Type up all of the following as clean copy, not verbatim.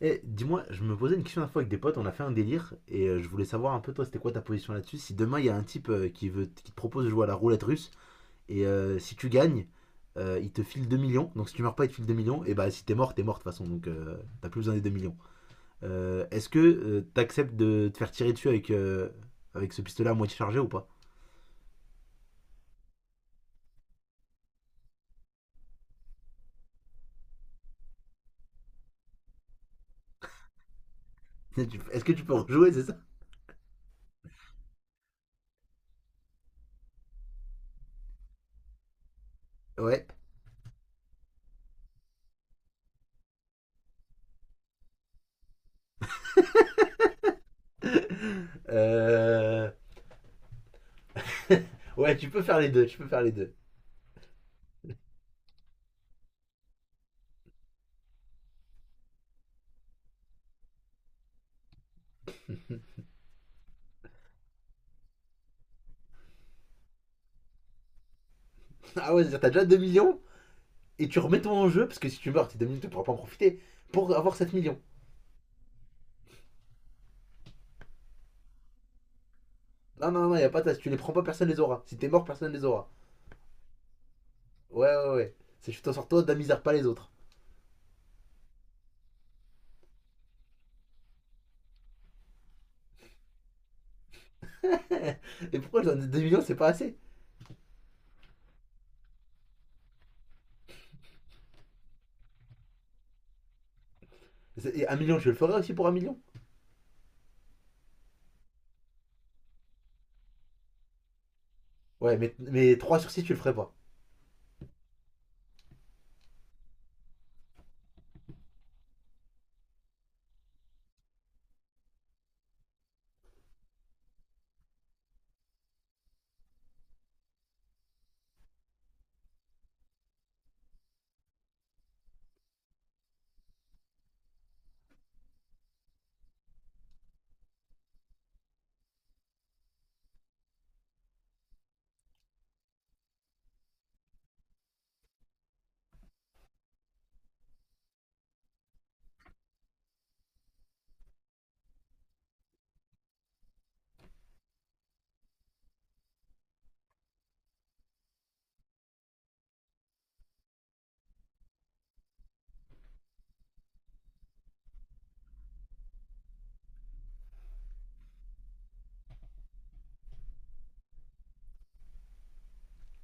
Eh, dis-moi, je me posais une question la fois avec des potes, on a fait un délire, et je voulais savoir un peu toi, c'était quoi ta position là-dessus? Si demain il y a un type qui te propose de jouer à la roulette russe, et si tu gagnes, il te file 2 millions, donc si tu meurs pas, il te file 2 millions, et bah si t'es mort, t'es mort de toute façon, donc t'as plus besoin des 2 millions. Est-ce que t'acceptes de te faire tirer dessus avec ce pistolet à moitié chargé ou pas? Est-ce que tu peux rejouer, c'est ça? Ouais. Euh, Ouais, tu peux faire les deux, tu peux faire les deux. Ah ouais, c'est-à-dire t'as déjà 2 millions et tu remets ton en jeu, parce que si tu meurs, tes 2 millions, tu ne pourras pas en profiter, pour avoir 7 millions. Non, non, non, y a pas de tasse, tu les prends pas, personne les aura. Si t'es mort, personne les aura. Ouais, ouais, ouais. C'est je t'en sors toi, d'un misère pas les autres. Et pourquoi je donne 2 millions, c'est pas assez? Et 1 million, je le ferais aussi pour 1 million. Ouais, mais 3 sur 6, tu le ferais pas.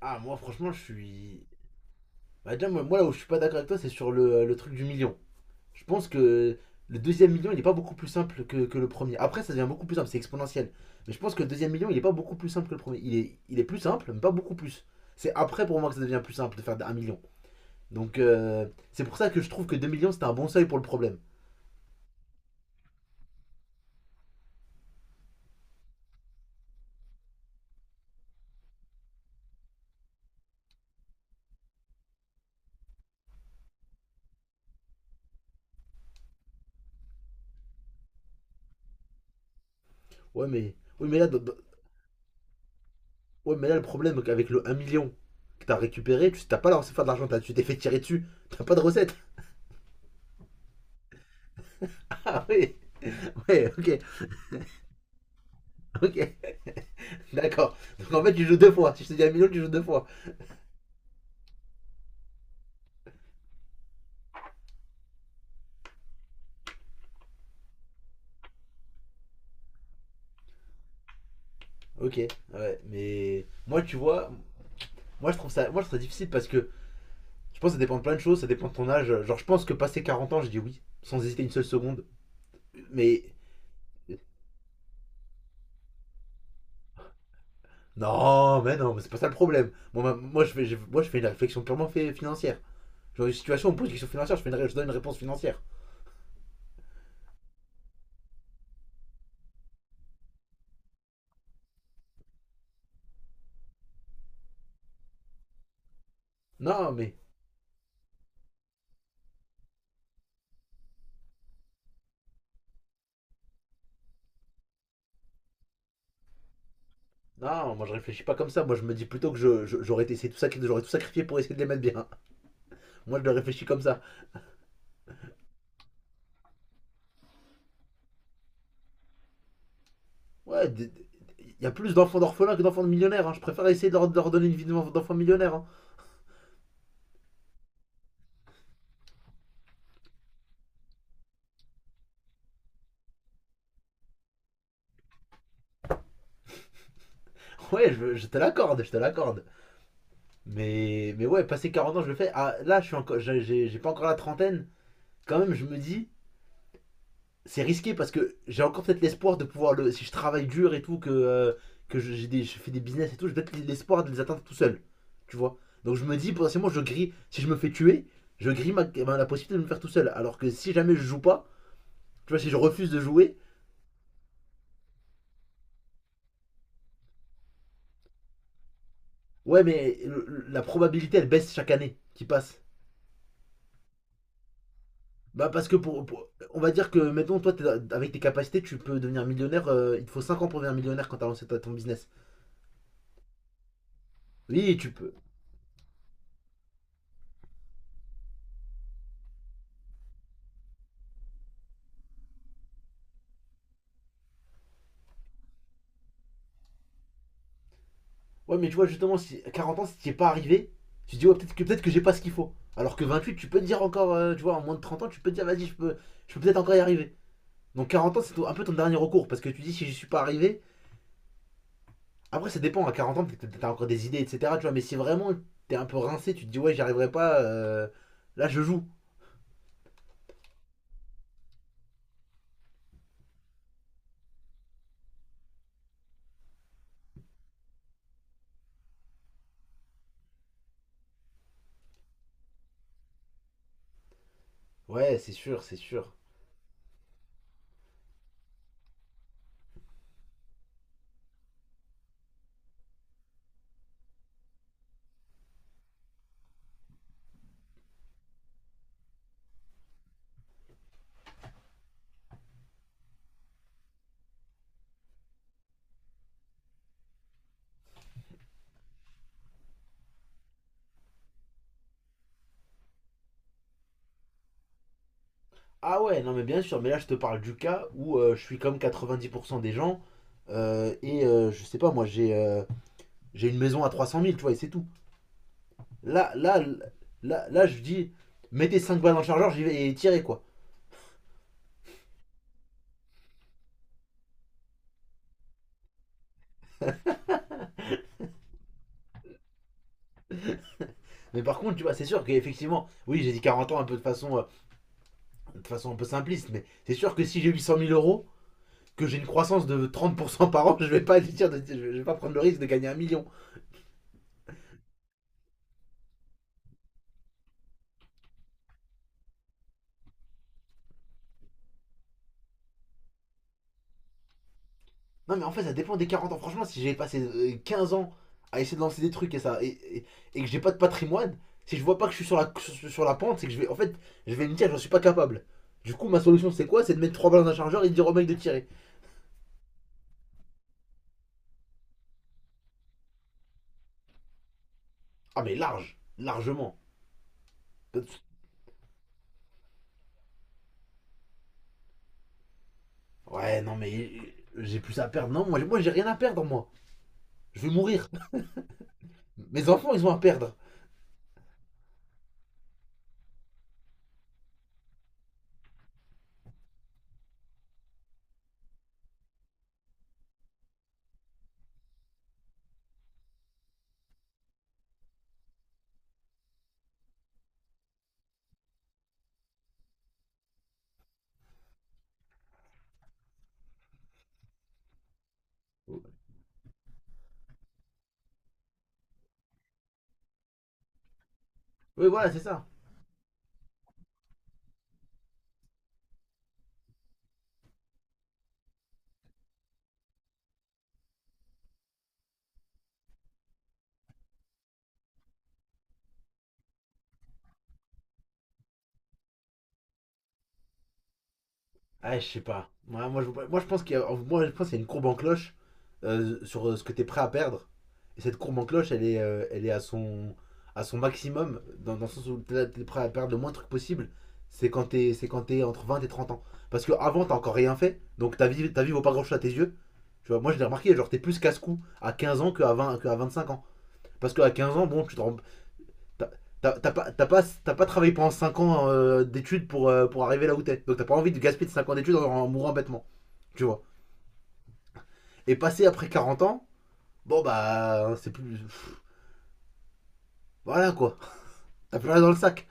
Ah, moi, franchement, je suis. Bah, déjà, moi, là où je suis pas d'accord avec toi, c'est sur le truc du million. Je pense que le deuxième million, il n'est pas beaucoup plus simple que le premier. Après, ça devient beaucoup plus simple, c'est exponentiel. Mais je pense que le deuxième million, il n'est pas beaucoup plus simple que le premier. Il est plus simple, mais pas beaucoup plus. C'est après pour moi que ça devient plus simple de faire 1 million. Donc c'est pour ça que je trouve que 2 millions, c'était un bon seuil pour le problème. Ouais, mais, oui, mais, là, ouais, mais là, le problème avec le 1 million que t'as récupéré, tu t'as pas lancé faire de l'argent, tu t'es fait tirer dessus, t'as pas de recette. Ah oui, ouais, ok, ok, d'accord. Donc en fait, tu joues deux fois. Si je te dis 1 million, tu joues deux fois. Ok, ouais, mais moi, tu vois, moi je trouve ça difficile parce que je pense que ça dépend de plein de choses, ça dépend de ton âge. Genre, je pense que passé 40 ans, je dis oui, sans hésiter une seule seconde. Mais non, mais non, mais c'est pas ça le problème. Moi, moi, je fais, moi, je fais une réflexion purement financière. Genre, une situation, on me pose une question financière, fais je donne une réponse financière. Non, mais non, moi je réfléchis pas comme ça. Moi, je me dis plutôt que j'aurais essayé tout ça, j'aurais tout sacrifié pour essayer de les mettre bien. Moi, je le réfléchis comme ça. Ouais, il y a plus d'enfants d'orphelins que d'enfants de millionnaires, hein. Je préfère essayer de leur donner une vie d'enfant millionnaire, hein. Ouais, je te l'accorde, je te l'accorde. Mais ouais, passer 40 ans, je le fais. Ah, là, je suis encore, pas encore la trentaine. Quand même, je me dis, c'est risqué parce que j'ai encore peut-être l'espoir de pouvoir le. Si je travaille dur et tout, que je fais des business et tout, j'ai peut-être l'espoir de les atteindre tout seul. Tu vois. Donc je me dis, potentiellement, je grille. Si je me fais tuer, je grille la possibilité de me faire tout seul. Alors que si jamais je joue pas, tu vois, si je refuse de jouer. Ouais, mais la probabilité, elle baisse chaque année qui passe. Bah parce que on va dire que maintenant toi avec tes capacités tu peux devenir millionnaire, il te faut 5 ans pour devenir millionnaire quand t'as lancé ton business. Oui tu peux. Ouais mais tu vois justement si à 40 ans si t'y es pas arrivé, tu te dis ouais peut-être que j'ai pas ce qu'il faut. Alors que 28 tu peux te dire encore tu vois en moins de 30 ans tu peux te dire vas-y je peux peut-être encore y arriver. Donc 40 ans c'est un peu ton dernier recours parce que tu dis si j'y suis pas arrivé, après ça dépend à 40 ans peut-être que t'as encore des idées etc tu vois mais si vraiment t'es un peu rincé tu te dis ouais j'y arriverai pas là je joue. Ouais, c'est sûr, c'est sûr. Ah ouais, non mais bien sûr, mais là je te parle du cas où je suis comme 90% des gens je sais pas, moi j'ai une maison à 300 000, tu vois, et c'est tout. Là, là, là, là, je dis, mettez 5 balles dans le chargeur, j'y vais et tirez quoi. Mais par contre, tu vois, c'est sûr qu'effectivement, oui, j'ai dit 40 ans un peu de façon un peu simpliste, mais c'est sûr que si j'ai 800 000 euros, que j'ai une croissance de 30% par an, je vais pas dire, je vais pas prendre le risque de gagner 1 million. Non, mais en fait, ça dépend des 40 ans. Franchement, si j'ai passé 15 ans à essayer de lancer des trucs et ça et, et que j'ai pas de patrimoine, si je vois pas que je suis sur la pente, c'est que je vais. En fait, je vais me dire, j'en suis pas capable. Du coup, ma solution, c'est quoi? C'est de mettre trois balles dans un chargeur et de dire au mec de tirer. Ah, mais large, largement. Ouais, non, mais j'ai plus à perdre. Non, moi j'ai rien à perdre, moi. Je vais mourir. Mes enfants, ils ont à perdre. Oui, voilà, c'est ça. Ah, je sais pas. Ouais, moi, je pense qu'il y a une courbe en cloche sur ce que tu es prêt à perdre. Et cette courbe en cloche, elle est, à son maximum, dans le sens où tu es prêt à perdre le moins de trucs possible. C'est quand t'es entre 20 et 30 ans. Parce que avant t'as encore rien fait, donc ta vie vaut pas grand-chose à tes yeux. Tu vois, moi, je l'ai remarqué, genre, t'es plus casse-cou à 15 ans qu'à 20 qu'à 25 ans. Parce qu'à 15 ans, bon, tu te rends, t'as pas travaillé pendant 5 ans d'études pour arriver là où t'es. Donc t'as pas envie de gaspiller 5 ans d'études en mourant bêtement, tu vois. Et passer après 40 ans, bon bah, c'est plus. Voilà quoi. T'as plus rien dans le sac.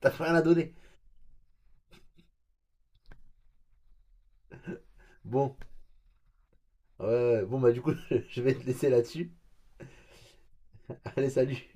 T'as plus rien à donner. Bon, ouais, ouais, ouais. Bon bah du coup, je vais te laisser là-dessus. Allez, salut.